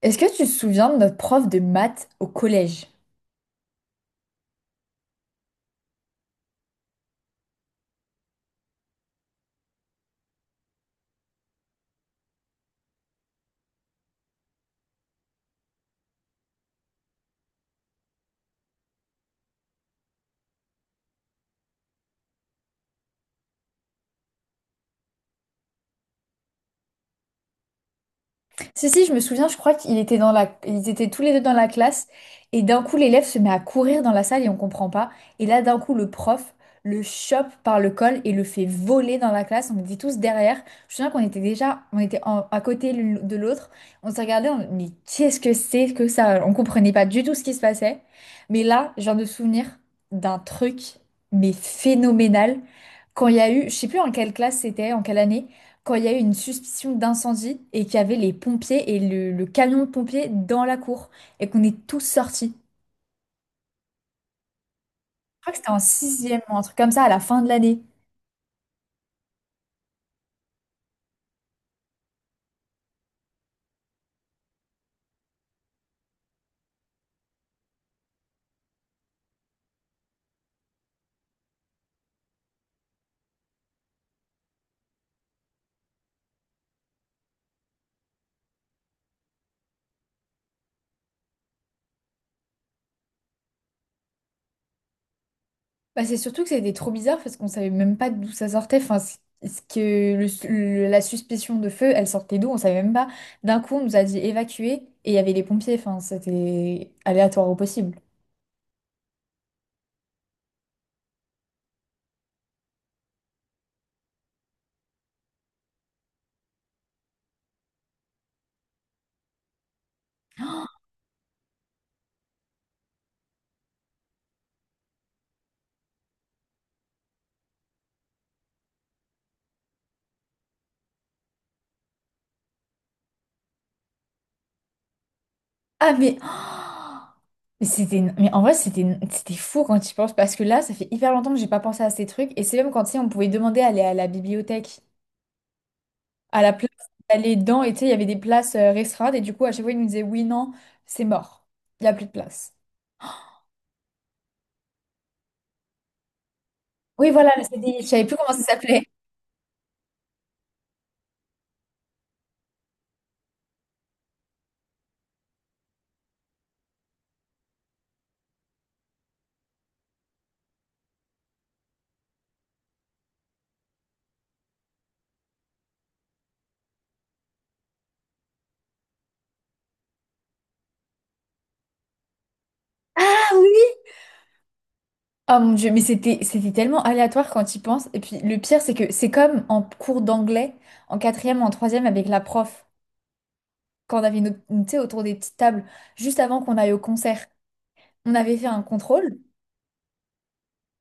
Est-ce que tu te souviens de notre prof de maths au collège? Si, si, je me souviens, je crois qu'ils étaient dans la... ils étaient tous les deux dans la classe et d'un coup l'élève se met à courir dans la salle et on comprend pas. Et là, d'un coup, le prof le chope par le col et le fait voler dans la classe. On était tous derrière. Je me souviens qu'on était déjà à côté l'une de l'autre. On se regardait, on... mais qu'est-ce que c'est que ça? On comprenait pas du tout ce qui se passait. Mais là, je viens de me souvenir d'un truc, mais phénoménal. Quand il y a eu, je sais plus en quelle classe c'était, en quelle année, quand il y a eu une suspicion d'incendie et qu'il y avait les pompiers et le camion de pompiers dans la cour et qu'on est tous sortis. Je crois que c'était en sixième, un truc comme ça, à la fin de l'année. Bah, c'est surtout que c'était trop bizarre parce qu'on savait même pas d'où ça sortait. Enfin, c- ce que le- la suspicion de feu, elle sortait d'où? On savait même pas. D'un coup, on nous a dit évacuer et il y avait les pompiers. Enfin, c'était aléatoire au possible. Ah, mais, oh, mais mais en vrai, c'était fou quand tu y penses parce que là, ça fait hyper longtemps que j'ai pas pensé à ces trucs. Et c'est même quand, tu sais, on pouvait demander à aller à la bibliothèque, à la place d'aller dedans. Et tu sais, il y avait des places restreintes. Et du coup, à chaque fois, ils nous disaient, oui, non, c'est mort. Il n'y a plus de place. Oui, voilà, le CDI. Je savais plus comment ça s'appelait. Ah oui! Oh mon Dieu, mais c'était tellement aléatoire quand tu y penses. Et puis le pire, c'est que c'est comme en cours d'anglais, en quatrième ou en troisième avec la prof, quand on avait une, tu sais, autour des petites tables, juste avant qu'on aille au concert, on avait fait un contrôle.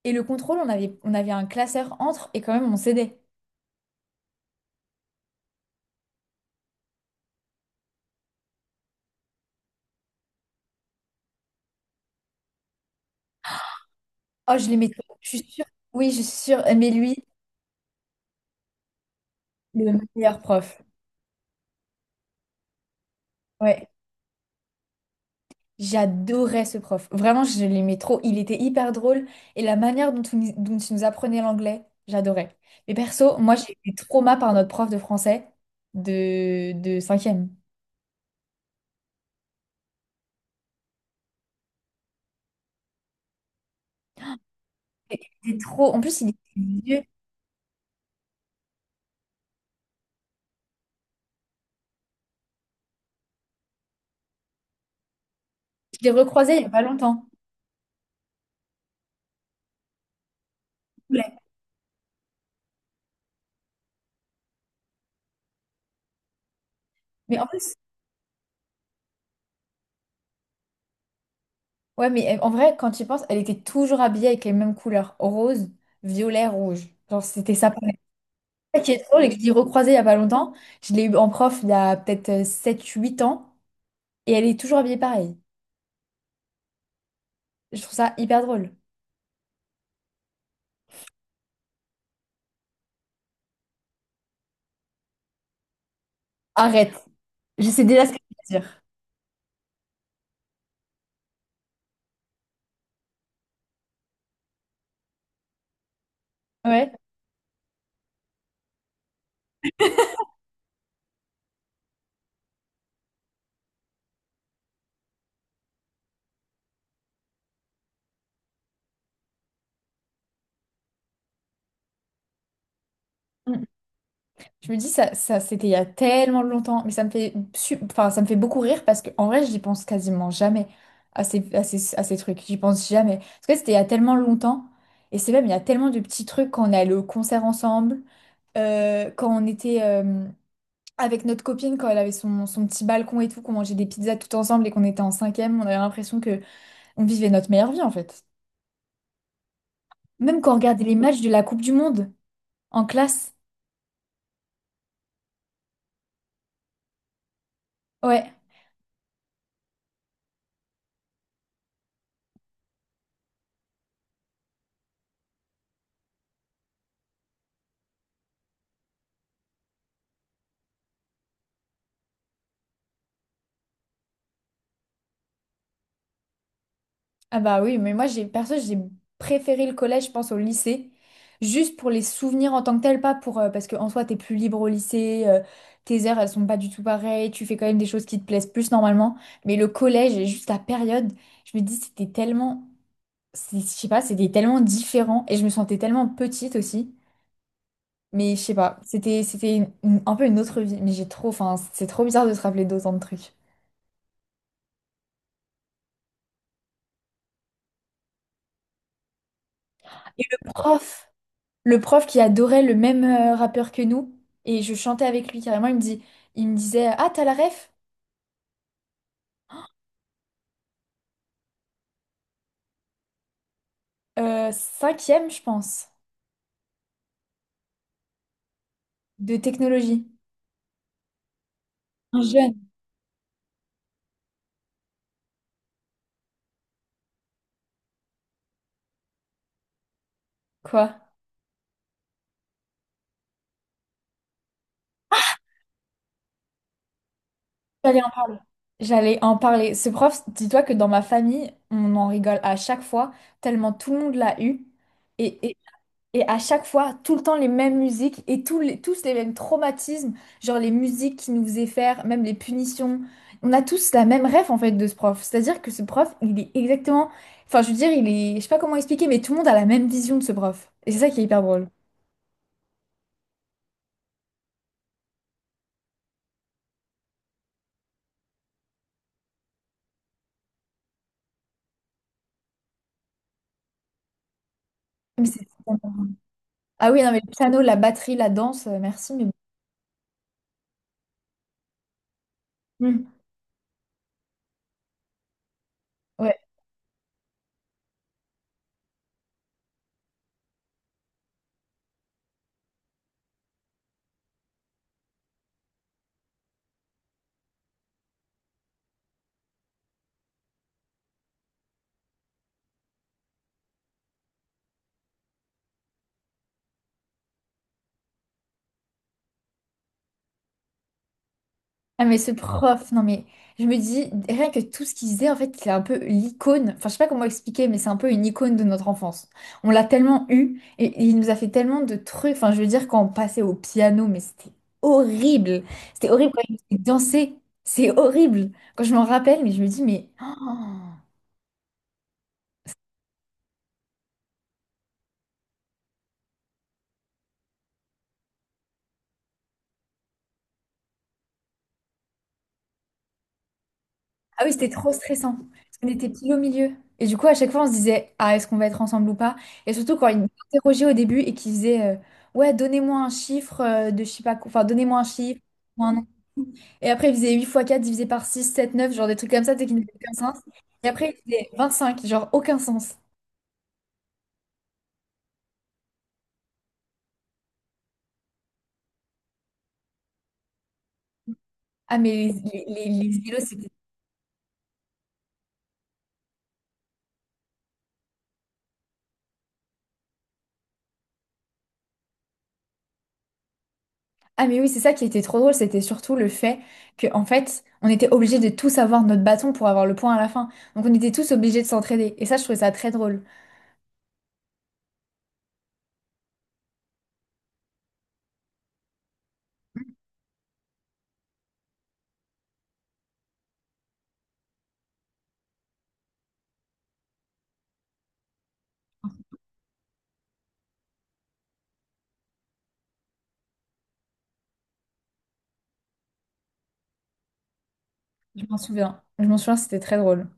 Et le contrôle, on avait un classeur entre et quand même on cédait. Oh, je les mettais, je suis sûre. Oui, je suis sûre. Mais lui, le meilleur prof. Ouais, j'adorais ce prof. Vraiment, je l'aimais trop. Il était hyper drôle et la manière dont il nous apprenait l'anglais, j'adorais. Mais perso, moi, j'ai été trauma par notre prof de français de cinquième. Il était trop... En plus, il était vieux. Je l'ai recroisé il n'y a pas longtemps. Ouais. Mais en plus, ouais, mais en vrai, quand tu y penses, elle était toujours habillée avec les mêmes couleurs, rose, violet, rouge. Genre, c'était sa palette. Ça qui est drôle et que je l'ai recroisée il n'y a pas longtemps. Je l'ai eu en prof il y a peut-être sept, huit ans et elle est toujours habillée pareil. Je trouve ça hyper drôle. Arrête. Je sais déjà ce que tu vas dire. Ouais. Mm. Je me dis, ça c'était il y a tellement longtemps, mais ça me fait, enfin, ça me fait beaucoup rire parce qu'en vrai, j'y pense quasiment jamais à ces trucs. J'y pense jamais. Parce que c'était il y a tellement longtemps. Et c'est même, il y a tellement de petits trucs quand on est allé au concert ensemble, quand on était avec notre copine, quand elle avait son, son petit balcon et tout, qu'on mangeait des pizzas tout ensemble et qu'on était en cinquième, on avait l'impression que on vivait notre meilleure vie en fait. Même quand on regardait les matchs de la Coupe du Monde. En classe? Ouais. Ah bah oui, mais moi j'ai perso j'ai préféré le collège, je pense, au lycée. Juste pour les souvenirs en tant que tel, pas pour parce qu'en soi t'es plus libre au lycée, tes heures elles sont pas du tout pareilles, tu fais quand même des choses qui te plaisent plus normalement. Mais le collège et juste la période, je me dis c'était tellement, je sais pas, c'était tellement différent et je me sentais tellement petite aussi. Mais je sais pas, un peu une autre vie. Mais j'ai trop, enfin c'est trop bizarre de se rappeler d'autant de trucs. Et le prof? Le prof qui adorait le même rappeur que nous et je chantais avec lui carrément. Il me disait, ah t'as la ref? Cinquième, je pense, de technologie. Un jeune, quoi. J'allais en parler. J'allais en parler. Ce prof, dis-toi que dans ma famille, on en rigole à chaque fois, tellement tout le monde l'a eu. Et, Et à chaque fois, tout le temps les mêmes musiques et tous les mêmes traumatismes, genre les musiques qui nous faisaient faire, même les punitions. On a tous la même rêve en fait de ce prof. C'est-à-dire que ce prof, il est exactement. Enfin, je veux dire, il est. Je sais pas comment expliquer, mais tout le monde a la même vision de ce prof. Et c'est ça qui est hyper drôle. Mais c'est- Ah oui, non, mais le piano, la batterie, la danse, merci, mais. Hmm. Ouais. Ah mais ce prof, non mais je me dis, rien que tout ce qu'il disait, en fait, c'est un peu l'icône, enfin je sais pas comment expliquer, mais c'est un peu une icône de notre enfance. On l'a tellement eu, et il nous a fait tellement de trucs, enfin je veux dire quand on passait au piano, mais horrible, c'était horrible quand il nous faisait danser, c'est horrible. Quand je m'en rappelle, mais je me dis, mais... oh. Ah oui, c'était trop stressant. Parce qu'on était pile au milieu. Et du coup, à chaque fois, on se disait, ah, est-ce qu'on va être ensemble ou pas? Et surtout quand ils nous interrogeaient au début et qu'ils disaient, ouais, donnez-moi un chiffre de je sais pas quoi. Enfin, donnez-moi un chiffre. Donnez un nom. Et après, ils faisaient 8 fois 4 divisé par 6 7 9 genre des trucs comme ça, tu sais, qui n'avaient aucun sens. Et après, ils faisaient 25 genre aucun sens. Ah, mais les vélos, c'était. Ah, mais oui, c'est ça qui était trop drôle. C'était surtout le fait que, en fait, on était obligés de tous avoir notre bâton pour avoir le point à la fin. Donc, on était tous obligés de s'entraider. Et ça, je trouvais ça très drôle. Je m'en souviens. Je m'en souviens, c'était très drôle.